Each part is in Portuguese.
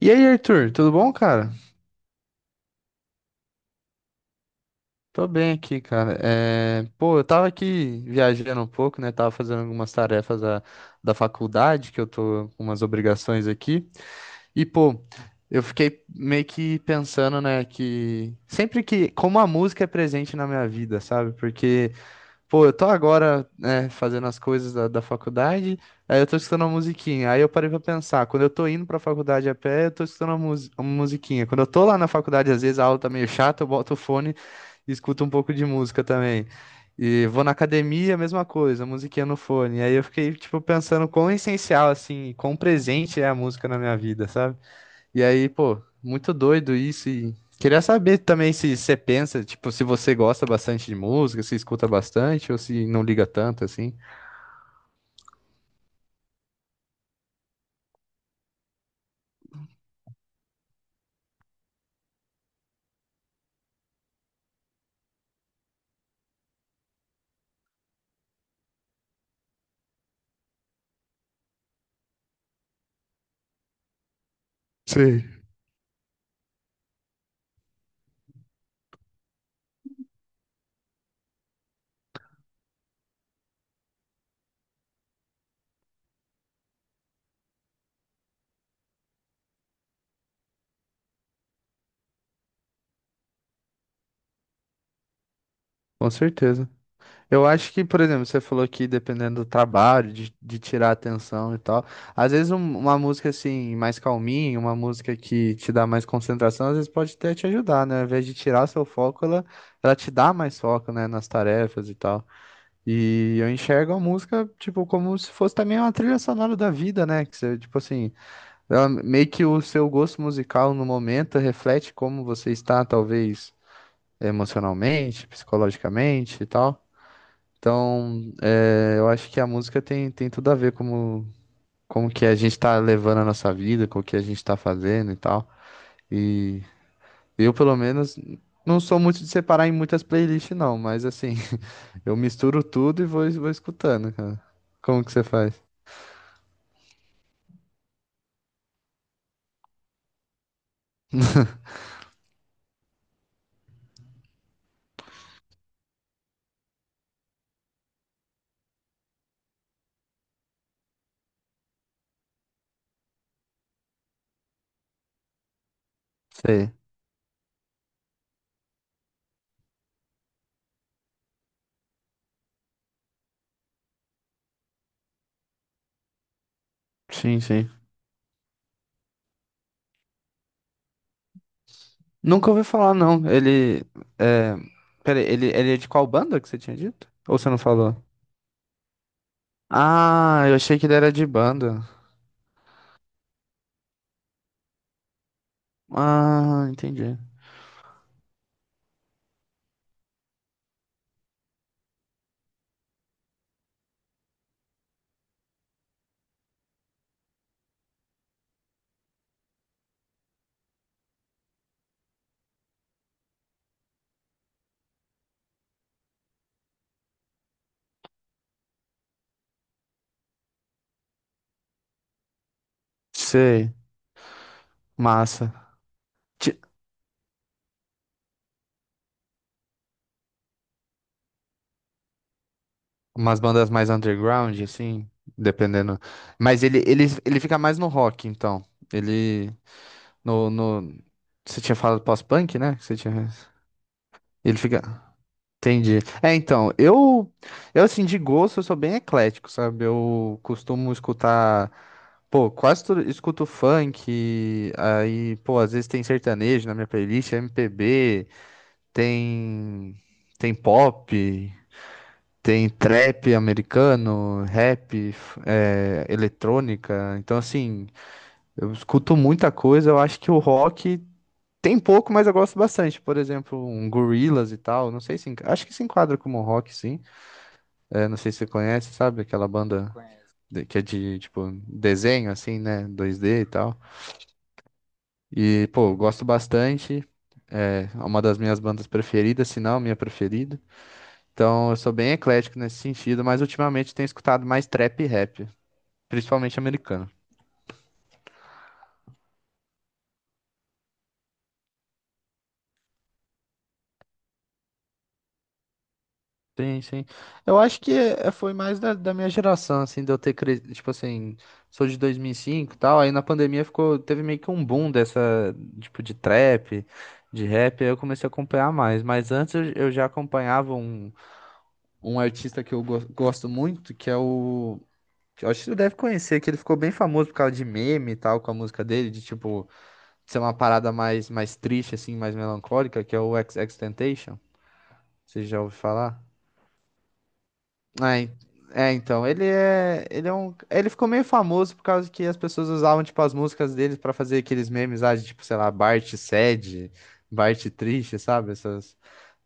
E aí, Arthur, tudo bom, cara? Tô bem aqui, cara. Eu tava aqui viajando um pouco, né? Tava fazendo algumas tarefas da faculdade, que eu tô com umas obrigações aqui. E, pô, eu fiquei meio que pensando, né, que sempre que, como a música é presente na minha vida, sabe? Porque eu tô agora, né, fazendo as coisas da faculdade, aí eu tô escutando uma musiquinha. Aí eu parei pra pensar, quando eu tô indo pra faculdade a pé, eu tô escutando uma musiquinha. Quando eu tô lá na faculdade, às vezes a aula tá meio chata, eu boto o fone e escuto um pouco de música também. E vou na academia, mesma coisa, musiquinha no fone. Aí eu fiquei, tipo, pensando quão essencial, assim, quão presente é a música na minha vida, sabe? E aí, pô, muito doido isso. E queria saber também se você pensa, tipo, se você gosta bastante de música, se escuta bastante ou se não liga tanto assim. Sei. Com certeza. Eu acho que, por exemplo, você falou que dependendo do trabalho, de tirar a atenção e tal, às vezes uma música assim, mais calminha, uma música que te dá mais concentração, às vezes pode até te ajudar, né? Ao invés de tirar seu foco, ela te dá mais foco, né, nas tarefas e tal. E eu enxergo a música, tipo, como se fosse também uma trilha sonora da vida, né? Que você, tipo assim, meio que o seu gosto musical no momento reflete como você está, talvez, emocionalmente, psicologicamente e tal. Então, é, eu acho que a música tem tudo a ver como, como que a gente está levando a nossa vida, com o que a gente está fazendo e tal. E eu, pelo menos, não sou muito de separar em muitas playlists, não, mas assim. Eu misturo tudo e vou escutando, cara. Como que você faz? Sei. Sim, sim. Nunca ouvi falar, não. Ele. É... Peraí, ele é de qual banda que você tinha dito? Ou você não falou? Ah, eu achei que ele era de banda. Ah, entendi. Sei. Massa. Ti- Umas bandas mais underground, assim, dependendo. Mas ele fica mais no rock, então. Ele. No... Você tinha falado pós-punk, né? Que você tinha. Ele fica. Entendi. É, então, eu assim, de gosto, eu sou bem eclético, sabe? Eu costumo escutar, pô, quase tudo, escuto funk, aí, pô, às vezes tem sertanejo na minha playlist, MPB, tem, tem pop, tem trap americano, é, eletrônica. Então, assim, eu escuto muita coisa, eu acho que o rock tem pouco, mas eu gosto bastante. Por exemplo, um Gorillaz e tal, não sei se, enca- acho que se enquadra como rock, sim. É, não sei se você conhece, sabe? Aquela banda que é de, tipo, desenho, assim, né? 2D e tal. E, pô, eu gosto bastante. É uma das minhas bandas preferidas, se não a minha preferida. Então, eu sou bem eclético nesse sentido, mas ultimamente tenho escutado mais trap e rap, principalmente americano. Sim, sim. Eu acho que foi mais da minha geração, assim, de eu ter crescido, tipo assim, sou de 2005 e tal, aí na pandemia ficou, teve meio que um boom dessa, tipo, de trap, de rap, aí eu comecei a acompanhar mais, mas antes eu já acompanhava um, um artista que eu gosto muito, que é o, que eu acho que você deve conhecer, que ele ficou bem famoso por causa de meme e tal, com a música dele, de, tipo, ser uma parada mais, mais triste, assim, mais melancólica, que é o XXXTentacion, você já ouviu falar? É, en- é, então, ele é um, ele ficou meio famoso por causa que as pessoas usavam, tipo, as músicas dele pra fazer aqueles memes, ah, de, tipo, sei lá, Bart sad, Bart triste, sabe? Essas,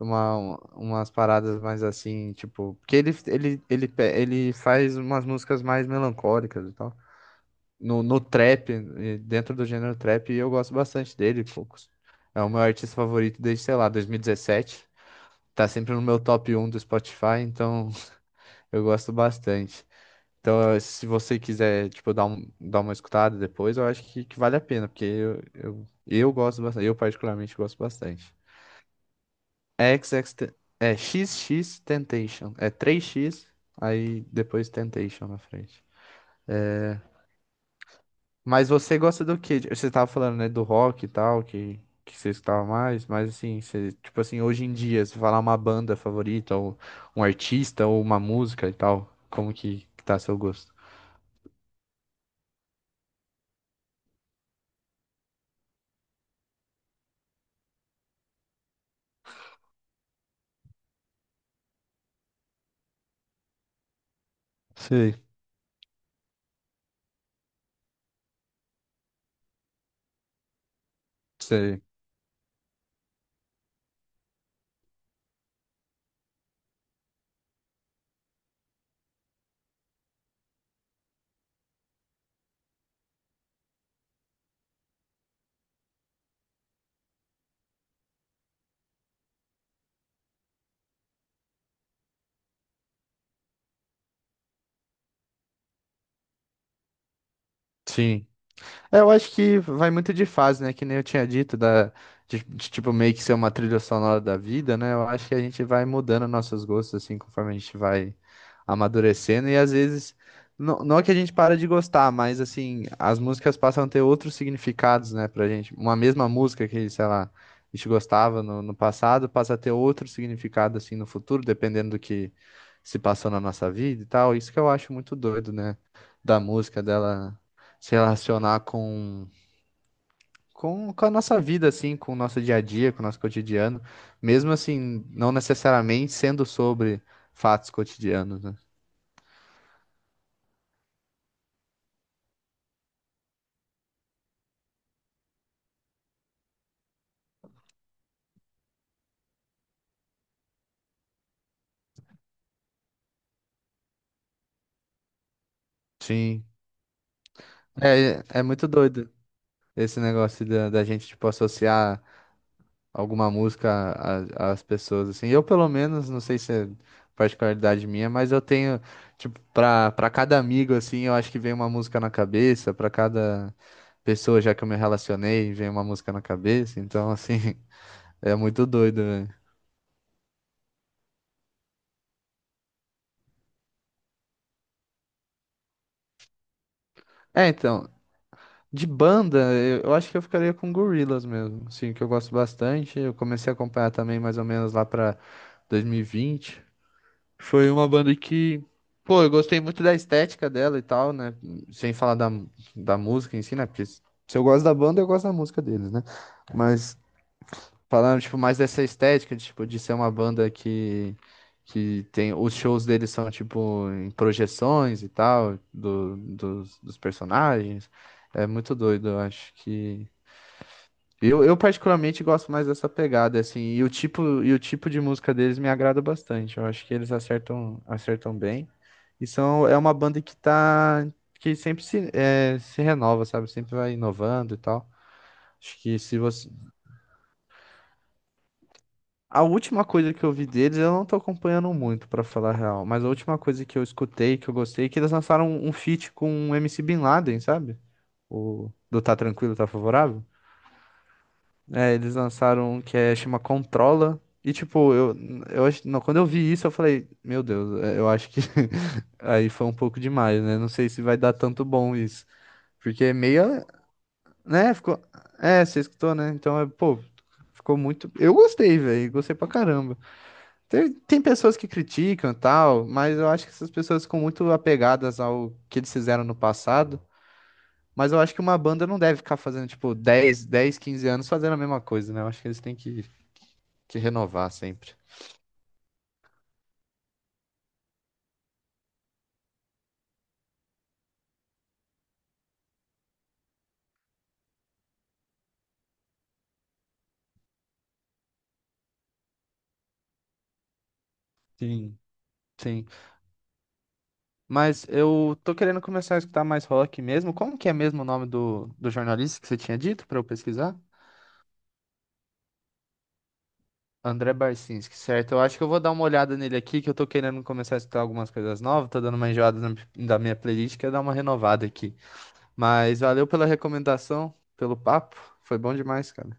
umas paradas mais assim, tipo, porque ele, ele faz umas músicas mais melancólicas e tal. No trap, dentro do gênero trap, eu gosto bastante dele, poucos. É o meu artista favorito desde, sei lá, 2017. Tá sempre no meu top um do Spotify, então eu gosto bastante. Então, se você quiser, tipo, dar uma escutada depois, eu acho que vale a pena, porque eu gosto bastante, eu particularmente gosto bastante. É x x Temptation, é três x aí depois Temptation na frente. Mas você gosta do quê? Você tava falando, né, do rock e tal, que você escutava mais, mas assim, você, tipo assim, hoje em dia, se falar uma banda favorita, ou um artista, ou uma música e tal, como que tá seu gosto? Sei. Você, sim. É, eu acho que vai muito de fase, né? Que nem eu tinha dito, de, tipo, meio que ser uma trilha sonora da vida, né? Eu acho que a gente vai mudando nossos gostos, assim, conforme a gente vai amadurecendo. E às vezes, não é que a gente para de gostar, mas, assim, as músicas passam a ter outros significados, né, pra gente. Uma mesma música que, sei lá, a gente gostava no passado, passa a ter outro significado, assim, no futuro, dependendo do que se passou na nossa vida e tal. Isso que eu acho muito doido, né? Da música dela se relacionar com a nossa vida, assim, com o nosso dia a dia, com o nosso cotidiano, mesmo assim, não necessariamente sendo sobre fatos cotidianos, né? Sim. É, é muito doido esse negócio da gente, tipo, associar alguma música às pessoas, assim. Eu, pelo menos, não sei se é particularidade minha, mas eu tenho, tipo, pra cada amigo, assim, eu acho que vem uma música na cabeça, pra cada pessoa já que eu me relacionei, vem uma música na cabeça, então, assim... É muito doido, velho. É, então, de banda, eu acho que eu ficaria com Gorillaz mesmo, assim, que eu gosto bastante. Eu comecei a acompanhar também mais ou menos lá pra 2020. Foi uma banda que, pô, eu gostei muito da estética dela e tal, né? Sem falar da música em si, né? Porque se eu gosto da banda, eu gosto da música deles, né? Mas falando, tipo, mais dessa estética, de, tipo, de ser uma banda que tem... Os shows deles são, tipo, em projeções e tal, do, dos personagens. É muito doido, eu acho que... eu particularmente gosto mais dessa pegada, assim, e o tipo de música deles me agrada bastante. Eu acho que eles acertam bem. E são, é uma banda que tá... que sempre se, é, se renova, sabe? Sempre vai inovando e tal. Acho que se você, a última coisa que eu vi deles, eu não tô acompanhando muito, pra falar a real, mas a última coisa que eu escutei, que eu gostei, é que eles lançaram um feat com o MC Bin Laden, sabe? O do Tá Tranquilo, Tá Favorável. É, eles lançaram um que é, chama Controla. E tipo, eu acho, não, quando eu vi isso, eu falei, meu Deus, é, eu acho que aí foi um pouco demais, né? Não sei se vai dar tanto bom isso. Porque é meio, né? Ficou, é, você escutou, né? Então, é, pô, ficou muito. Eu gostei, velho, gostei pra caramba. Tem pessoas que criticam e tal, mas eu acho que essas pessoas ficam muito apegadas ao que eles fizeram no passado. Mas eu acho que uma banda não deve ficar fazendo, tipo, dez 15 anos fazendo a mesma coisa, né? Eu acho que eles têm que renovar sempre. Sim. Sim. Mas eu tô querendo começar a escutar mais rock mesmo. Como que é mesmo o nome do jornalista que você tinha dito pra eu pesquisar? André Barcinski, certo? Eu acho que eu vou dar uma olhada nele aqui, que eu tô querendo começar a escutar algumas coisas novas. Tô dando uma enjoada na- da minha playlist, quero dar uma renovada aqui. Mas valeu pela recomendação, pelo papo. Foi bom demais, cara.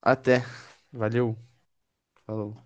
Até. Valeu. Falou.